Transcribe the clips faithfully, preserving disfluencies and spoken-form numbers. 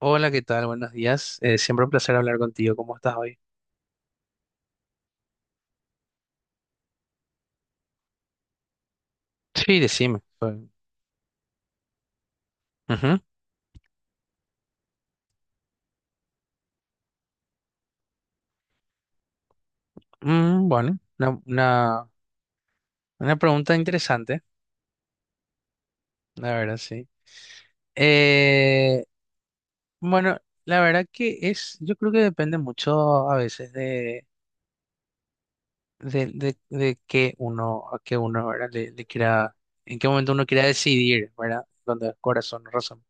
Hola, ¿qué tal? Buenos días. Eh, siempre un placer hablar contigo. ¿Cómo estás hoy? Sí, decime. Pues, ujú. Mm, bueno, una, una, una pregunta interesante, la verdad, sí. Eh, bueno, la verdad que es, yo creo que depende mucho a veces de, de, de, de qué uno, a qué uno, ¿verdad? Le, le quiera, en qué momento uno quiera decidir, ¿verdad? Donde el corazón, razón.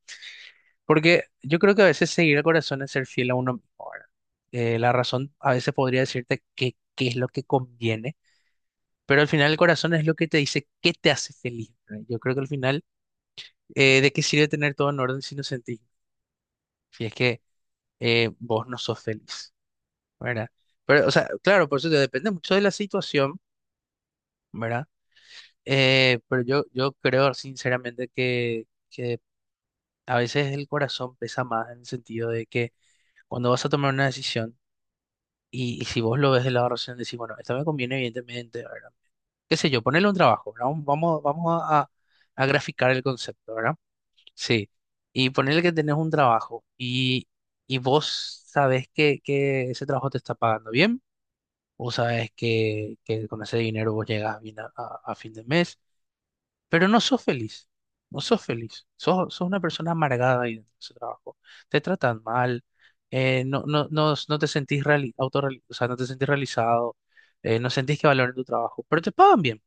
Porque yo creo que a veces seguir el corazón es ser fiel a uno mismo, ¿verdad? Eh, la razón a veces podría decirte qué qué es lo que conviene, pero al final el corazón es lo que te dice qué te hace feliz, ¿verdad? Yo creo que al final, eh, ¿de qué sirve tener todo en orden si no sentís? Si es que eh, vos no sos feliz, ¿verdad? Pero, o sea, claro, por eso te depende mucho de la situación, ¿verdad? Eh, pero yo, yo creo sinceramente que, que a veces el corazón pesa más en el sentido de que cuando vas a tomar una decisión. Y, y si vos lo ves de la razón, decís, bueno, esto me conviene evidentemente, ¿verdad? Qué sé yo, ponerle un trabajo, ¿verdad? Un- Vamos, vamos a, a- a graficar el concepto, ¿verdad? Sí. Y ponerle que tenés un trabajo y, y vos sabés que, que ese trabajo te está pagando bien. Vos sabés que, que con ese dinero vos llegas bien a, a- a fin de mes, pero no sos feliz, no sos feliz, sos, sos una persona amargada ahí dentro de ese trabajo, te tratan mal, eh, no, no, no, no te sentís reali autorreali- o sea, no te sentís realizado. Eh, no sentís que valoren tu trabajo, pero te pagan bien,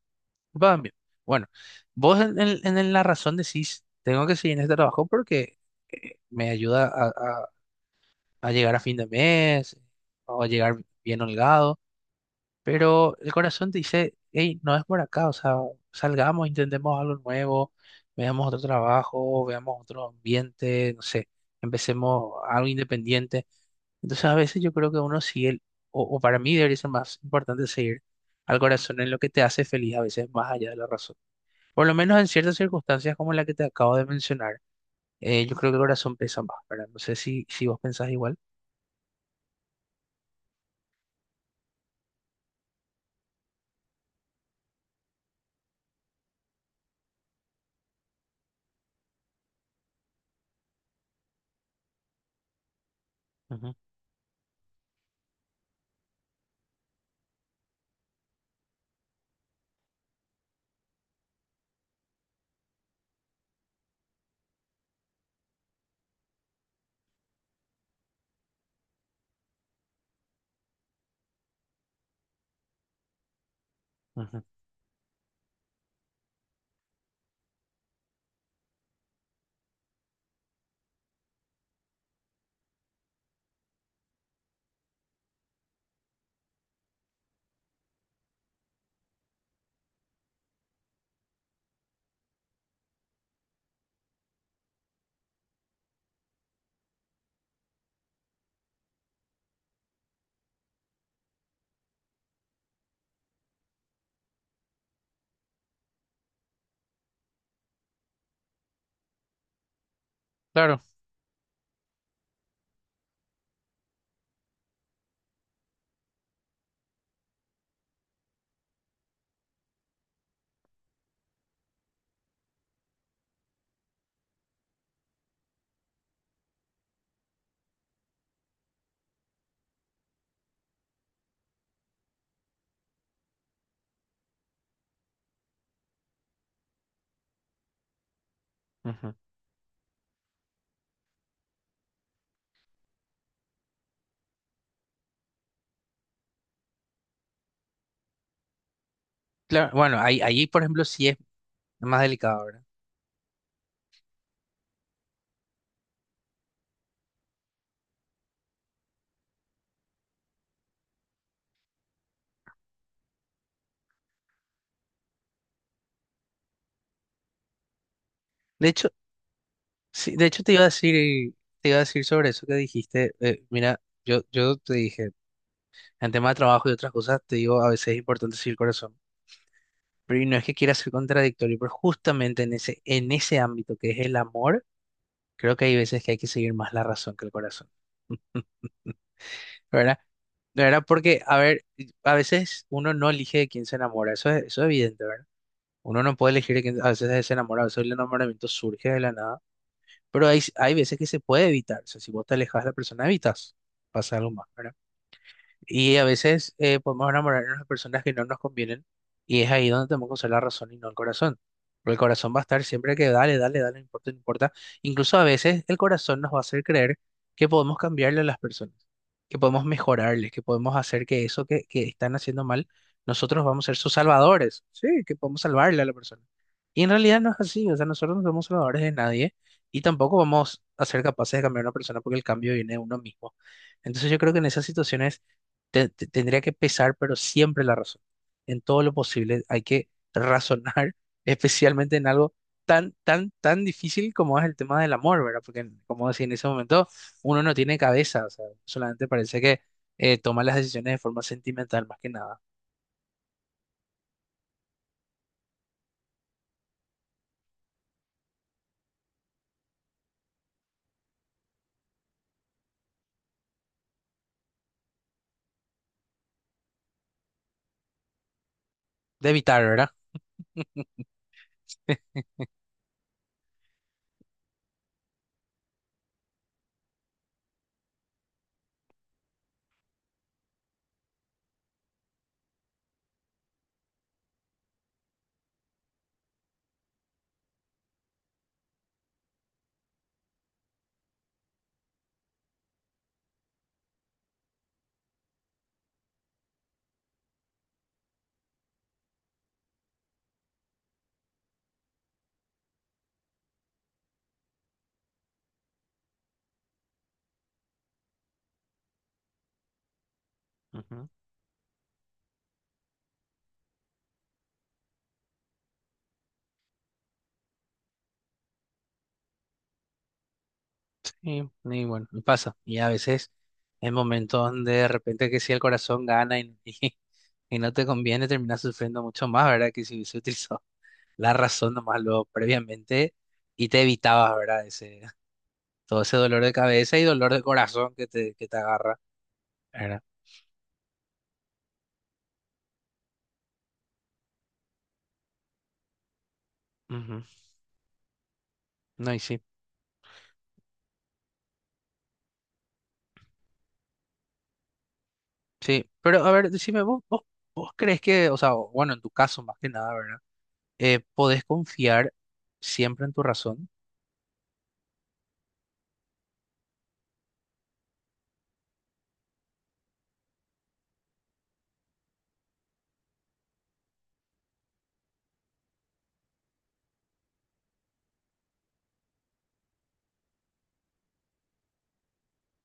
te pagan bien. Bueno, vos en, en- en la razón decís, tengo que seguir en este trabajo porque eh, me ayuda a, a- a llegar a fin de mes o a llegar bien holgado. Pero el corazón te dice, hey, no es por acá, o sea, salgamos, intentemos algo nuevo, veamos otro trabajo, veamos otro ambiente, no sé, empecemos algo independiente. Entonces a veces yo creo que uno sigue, el- o, o para mí debería ser más importante seguir al corazón en lo que te hace feliz, a veces más allá de la razón. Por lo menos en ciertas circunstancias como la que te acabo de mencionar, eh, yo creo que el corazón pesa más, ¿verdad? No sé si, si vos pensás igual. Ujú, ujú. Claro, ujú. Claro, bueno, ahí, ahí por ejemplo sí es más delicado, ¿verdad? De hecho, sí, de hecho te iba a decir, te iba a decir sobre eso que dijiste. eh, mira, yo, yo te dije, en tema de trabajo y otras cosas, te digo, a veces es importante seguir el corazón. Pero y no es que quiera ser contradictorio, pero justamente en ese, en ese ámbito que es el amor, creo que hay veces que hay que seguir más la razón que el corazón. ¿Verdad? De verdad, porque, a ver, a veces uno no elige de quién se enamora, eso es, eso es evidente, ¿verdad? Uno no puede elegir de quién, a veces se enamora, a veces el enamoramiento surge de la nada. Pero hay, hay veces que se puede evitar. O sea, si vos te alejas de la persona, evitas. Pasa algo más, ¿verdad? Y a veces eh, podemos enamorarnos de personas que no nos convienen, y es ahí donde tenemos que usar la razón y no el corazón. Porque el corazón va a estar siempre que dale, dale, dale, no importa, no importa. Incluso a veces el corazón nos va a hacer creer que podemos cambiarle a las personas, que podemos mejorarles, que podemos hacer que eso que, que están haciendo mal, nosotros vamos a ser sus salvadores. Sí, que podemos salvarle a la persona. Y en realidad no es así, o sea, nosotros no somos salvadores de nadie, y tampoco vamos a ser capaces de cambiar a una persona porque el cambio viene de uno mismo. Entonces yo creo que en esas situaciones te- te- tendría que pesar, pero siempre la razón. En todo lo posible hay que razonar, especialmente en algo tan, tan, tan difícil como es el tema del amor, ¿verdad? Porque, en- como decía, en ese momento uno no tiene cabeza, o sea, solamente parece que eh, toma las decisiones de forma sentimental, más que nada. De evitar, ¿verdad? Ujú. Sí, y bueno, y pasa. Y a veces en momentos donde de repente que si el corazón gana y, y, no te conviene, terminas sufriendo mucho más, ¿verdad? Que si se utilizó la razón nomás lo previamente y te evitabas, ¿verdad? Ese, todo ese dolor de cabeza y dolor de corazón que te, que te agarra, ¿verdad? Ujú. No, y sí, sí. Pero a ver, decime, vos, vos, vos crees que, o sea, o- bueno, en tu caso más que nada, ¿verdad? Eh, ¿podés confiar siempre en tu razón?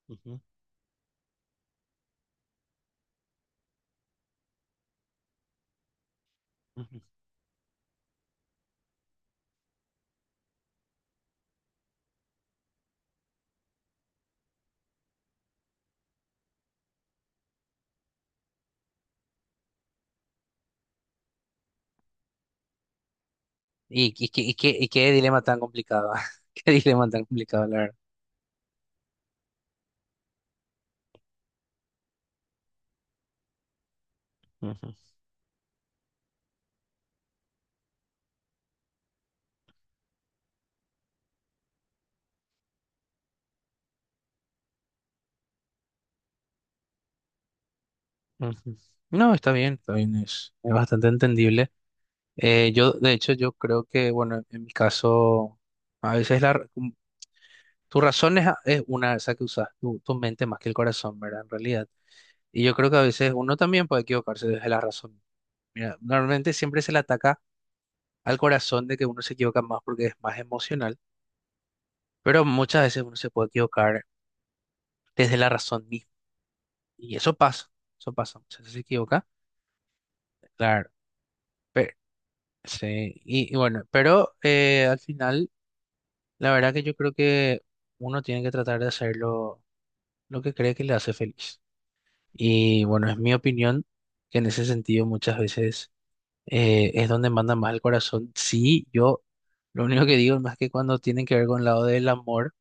Ujú, ujú. Y, y, qué- y, qué, y qué dilema tan complicado, qué dilema tan complicado, la verdad. Ujú, ujú. No, está bien, está bien, es, es bastante entendible. Eh, yo, de hecho, yo creo que, bueno, en mi caso, a veces la, ra- mm, tu razón es, a- es una, esa que usas, tu, tu mente más que el corazón, ¿verdad? En realidad. Y yo creo que a veces uno también puede equivocarse desde la razón. Mira, normalmente siempre se le ataca al corazón de que uno se equivoca más porque es más emocional, pero muchas veces uno se puede equivocar desde la razón misma. Y eso pasa, eso pasa. Muchas veces se equivoca, claro. Pero sí, y, y bueno, pero eh, al final. La verdad que yo creo que uno tiene que tratar de hacer lo lo que cree que le hace feliz. Y bueno, es mi opinión que en ese sentido muchas veces eh, es donde manda más el corazón. Sí, yo lo único que digo es más que cuando tienen que ver con el lado del amor,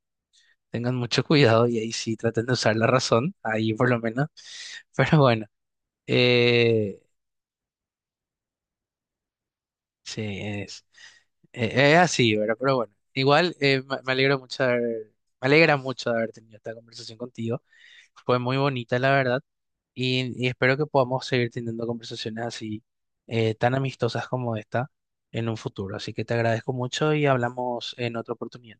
tengan mucho cuidado y ahí sí traten de usar la razón, ahí por lo menos. Pero bueno, eh, sí, es, eh, es así, ¿verdad? Pero bueno, igual eh, me me alegro mucho de haber- me alegra mucho de haber tenido esta conversación contigo. Fue muy bonita, la verdad, y, y espero que podamos seguir teniendo conversaciones así eh, tan amistosas como esta en un futuro. Así que te agradezco mucho y hablamos en otra oportunidad.